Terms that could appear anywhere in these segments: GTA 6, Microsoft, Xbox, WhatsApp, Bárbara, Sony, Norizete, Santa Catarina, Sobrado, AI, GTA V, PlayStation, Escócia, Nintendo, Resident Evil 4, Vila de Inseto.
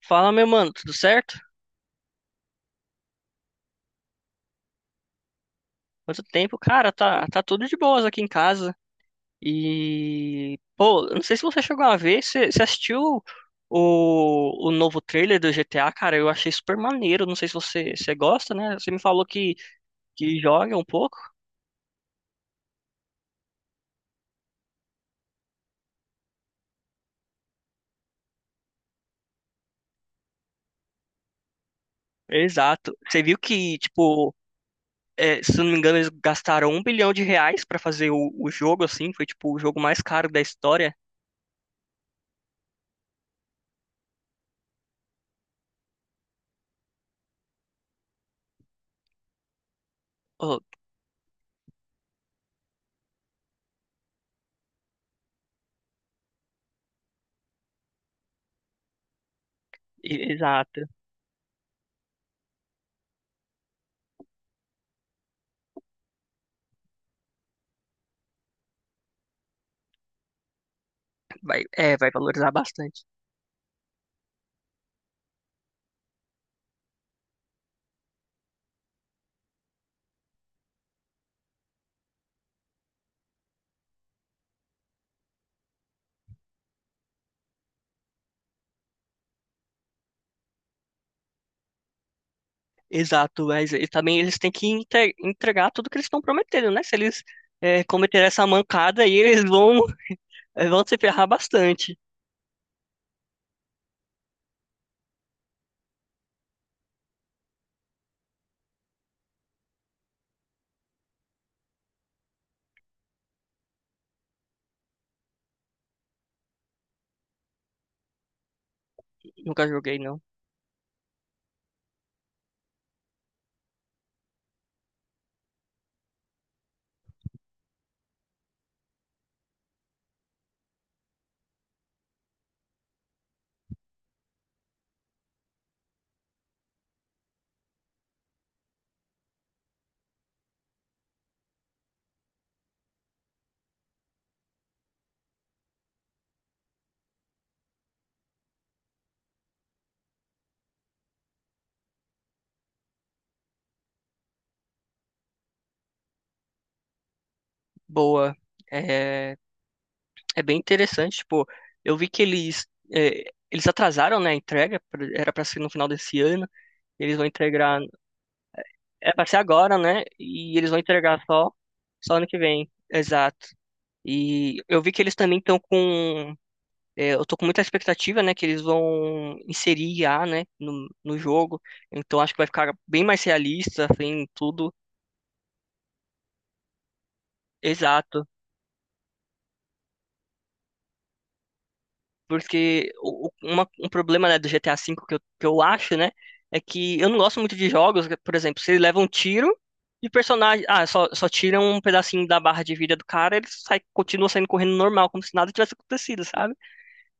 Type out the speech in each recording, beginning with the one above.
Fala, meu mano, tudo certo? Quanto tempo? Cara, tá tudo de boas aqui em casa. E, pô, eu não sei se você chegou a ver, você assistiu o novo trailer do GTA, cara? Eu achei super maneiro. Não sei se você gosta, né? Você me falou que joga um pouco. Exato. Você viu que, tipo, se eu não me engano, eles gastaram R$ 1 bilhão pra fazer o jogo, assim. Foi, tipo, o jogo mais caro da história. Pô, exato. Vai, vai valorizar bastante. Exato, mas e também eles têm que entregar tudo que eles estão prometendo, né? Se eles cometerem essa mancada aí, eles vão, vão se ferrar bastante. Nunca joguei, não. Boa. É, é bem interessante, tipo, eu vi que eles, eh, eles atrasaram, né, a entrega, era pra ser no final desse ano, eles vão entregar, é pra ser agora, né? E eles vão entregar só ano que vem, exato. E eu vi que eles também estão com Eu tô com muita expectativa, né, que eles vão inserir IA, né, no jogo. Então acho que vai ficar bem mais realista, assim, tudo exato. Porque um problema, né, do GTA V que eu acho, né, é que eu não gosto muito de jogos, que, por exemplo, se ele leva um tiro e personagem, só tira um pedacinho da barra de vida do cara, ele sai, continua saindo correndo normal, como se nada tivesse acontecido, sabe?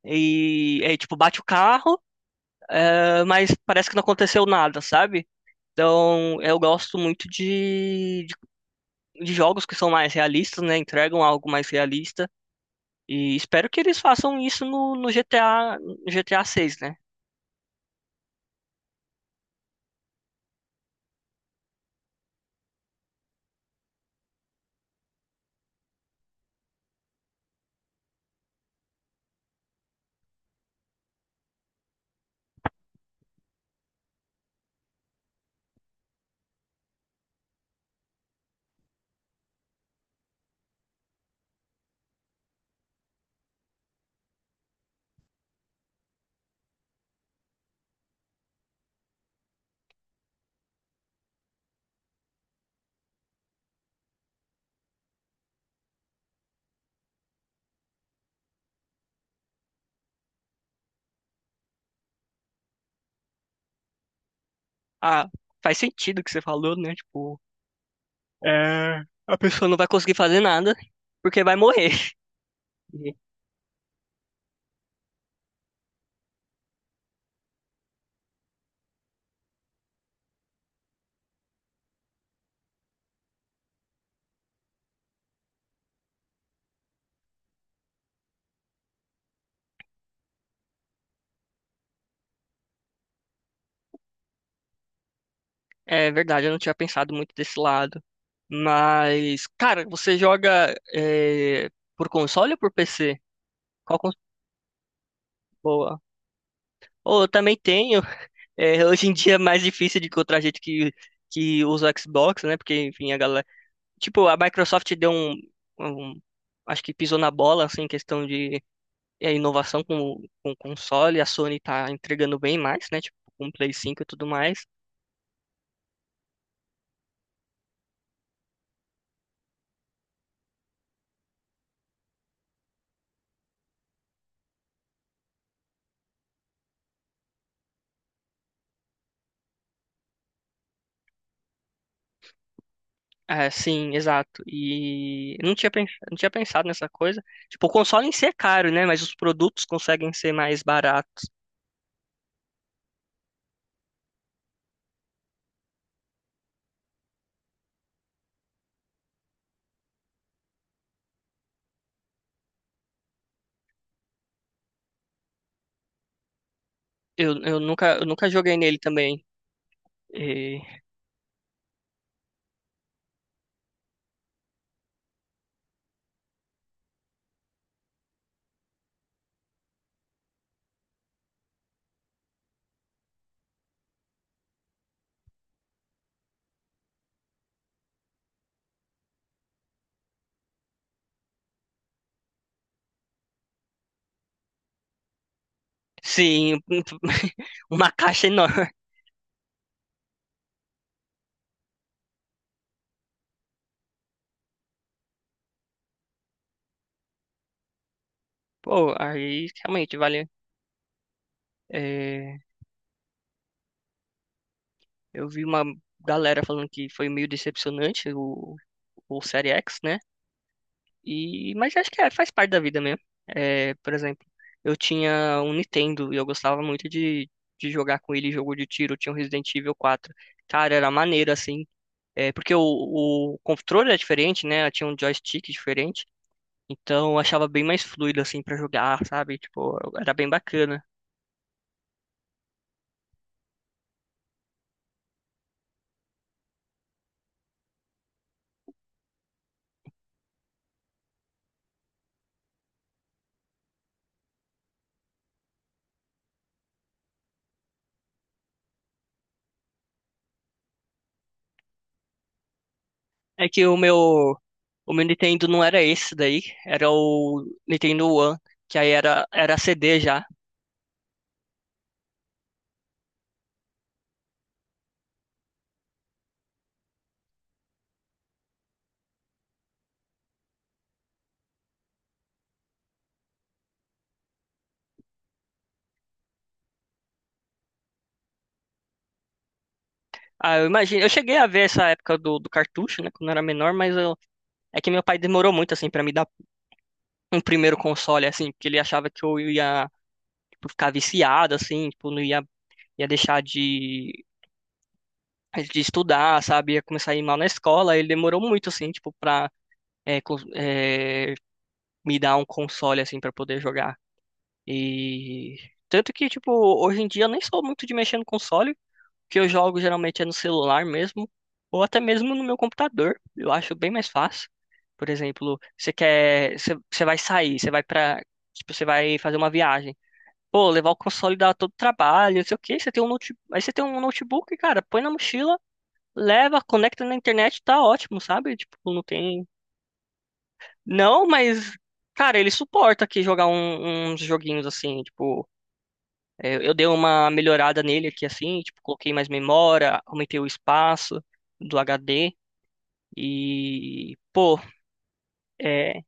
E aí, tipo, bate o carro, ah, mas parece que não aconteceu nada, sabe? Então, eu gosto muito de jogos que são mais realistas, né? Entregam algo mais realista. E espero que eles façam isso no GTA 6, né? Ah, faz sentido o que você falou, né? Tipo, a pessoa não vai conseguir fazer nada porque vai morrer. É verdade, eu não tinha pensado muito desse lado. Mas, cara, você joga por console ou por PC? Qual cons... Ou eu também tenho. É, hoje em dia é mais difícil de encontrar gente que usa o Xbox, né? Porque, enfim, a galera. Tipo, a Microsoft deu um- acho que pisou na bola, assim, em questão de inovação com console. A Sony tá entregando bem mais, né? Tipo, com o Play 5 e tudo mais. É, sim, exato. E eu não tinha, não tinha pensado nessa coisa. Tipo, o console em si é caro, né? Mas os produtos conseguem ser mais baratos. Eu nunca joguei nele também. É, sim, uma caixa enorme. Pô, aí realmente vale. é, eu vi uma galera falando que foi meio decepcionante o Série X, né? E, mas acho que faz parte da vida mesmo. É, por exemplo, eu tinha um Nintendo e eu gostava muito de jogar com ele jogo de tiro. Eu tinha um Resident Evil 4. Cara, era maneiro assim. É, porque o controle é diferente, né? Eu tinha um joystick diferente. Então eu achava bem mais fluido assim pra jogar, sabe? Tipo, era bem bacana. É que o meu Nintendo não era esse daí, era o Nintendo One, que aí era CD já. Ah, eu imagino, eu cheguei a ver essa época do cartucho, né, quando eu era menor, mas eu, é que meu pai demorou muito, assim, pra me dar um primeiro console, assim, porque ele achava que eu ia, tipo, ficar viciado, assim, tipo, não ia, ia deixar de estudar, sabe, ia começar a ir mal na escola, ele demorou muito, assim, tipo, pra eh, cons- eh, me dar um console, assim, pra poder jogar. E tanto que, tipo, hoje em dia eu nem sou muito de mexer no console, o que eu jogo geralmente é no celular mesmo, ou até mesmo no meu computador. Eu acho bem mais fácil. Por exemplo, você vai sair, você vai para, tipo, você vai fazer uma viagem. Pô, levar o console dá todo trabalho, não sei o quê. Você tem um note, aí você tem um notebook, cara, põe na mochila, leva, conecta na internet, tá ótimo, sabe? Tipo, não tem. Não, mas cara, ele suporta aqui jogar uns joguinhos assim, tipo. É, eu dei uma melhorada nele aqui assim, tipo, coloquei mais memória, aumentei o espaço do HD e, pô, é,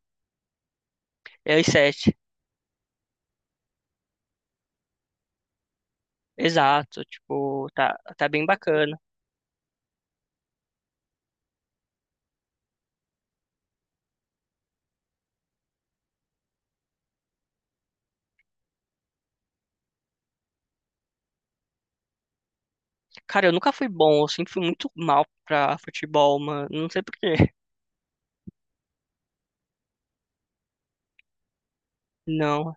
é i7. Exato, tipo, tá bem bacana. Cara, eu nunca fui bom, eu sempre fui muito mal pra futebol, mano. Não sei por quê. Não.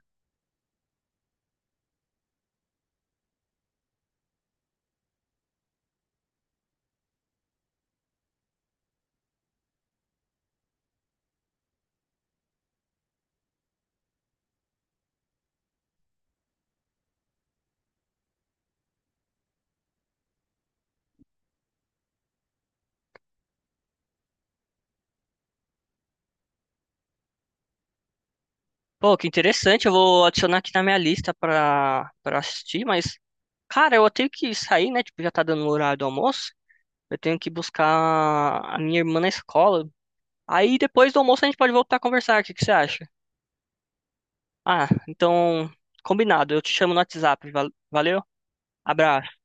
Pô, que interessante, eu vou adicionar aqui na minha lista pra assistir, mas, cara, eu tenho que sair, né? Tipo, já tá dando o horário do almoço. Eu tenho que buscar a minha irmã na escola. Aí depois do almoço a gente pode voltar a conversar. O que que você acha? Ah, então, combinado. Eu te chamo no WhatsApp. Valeu? Abraço.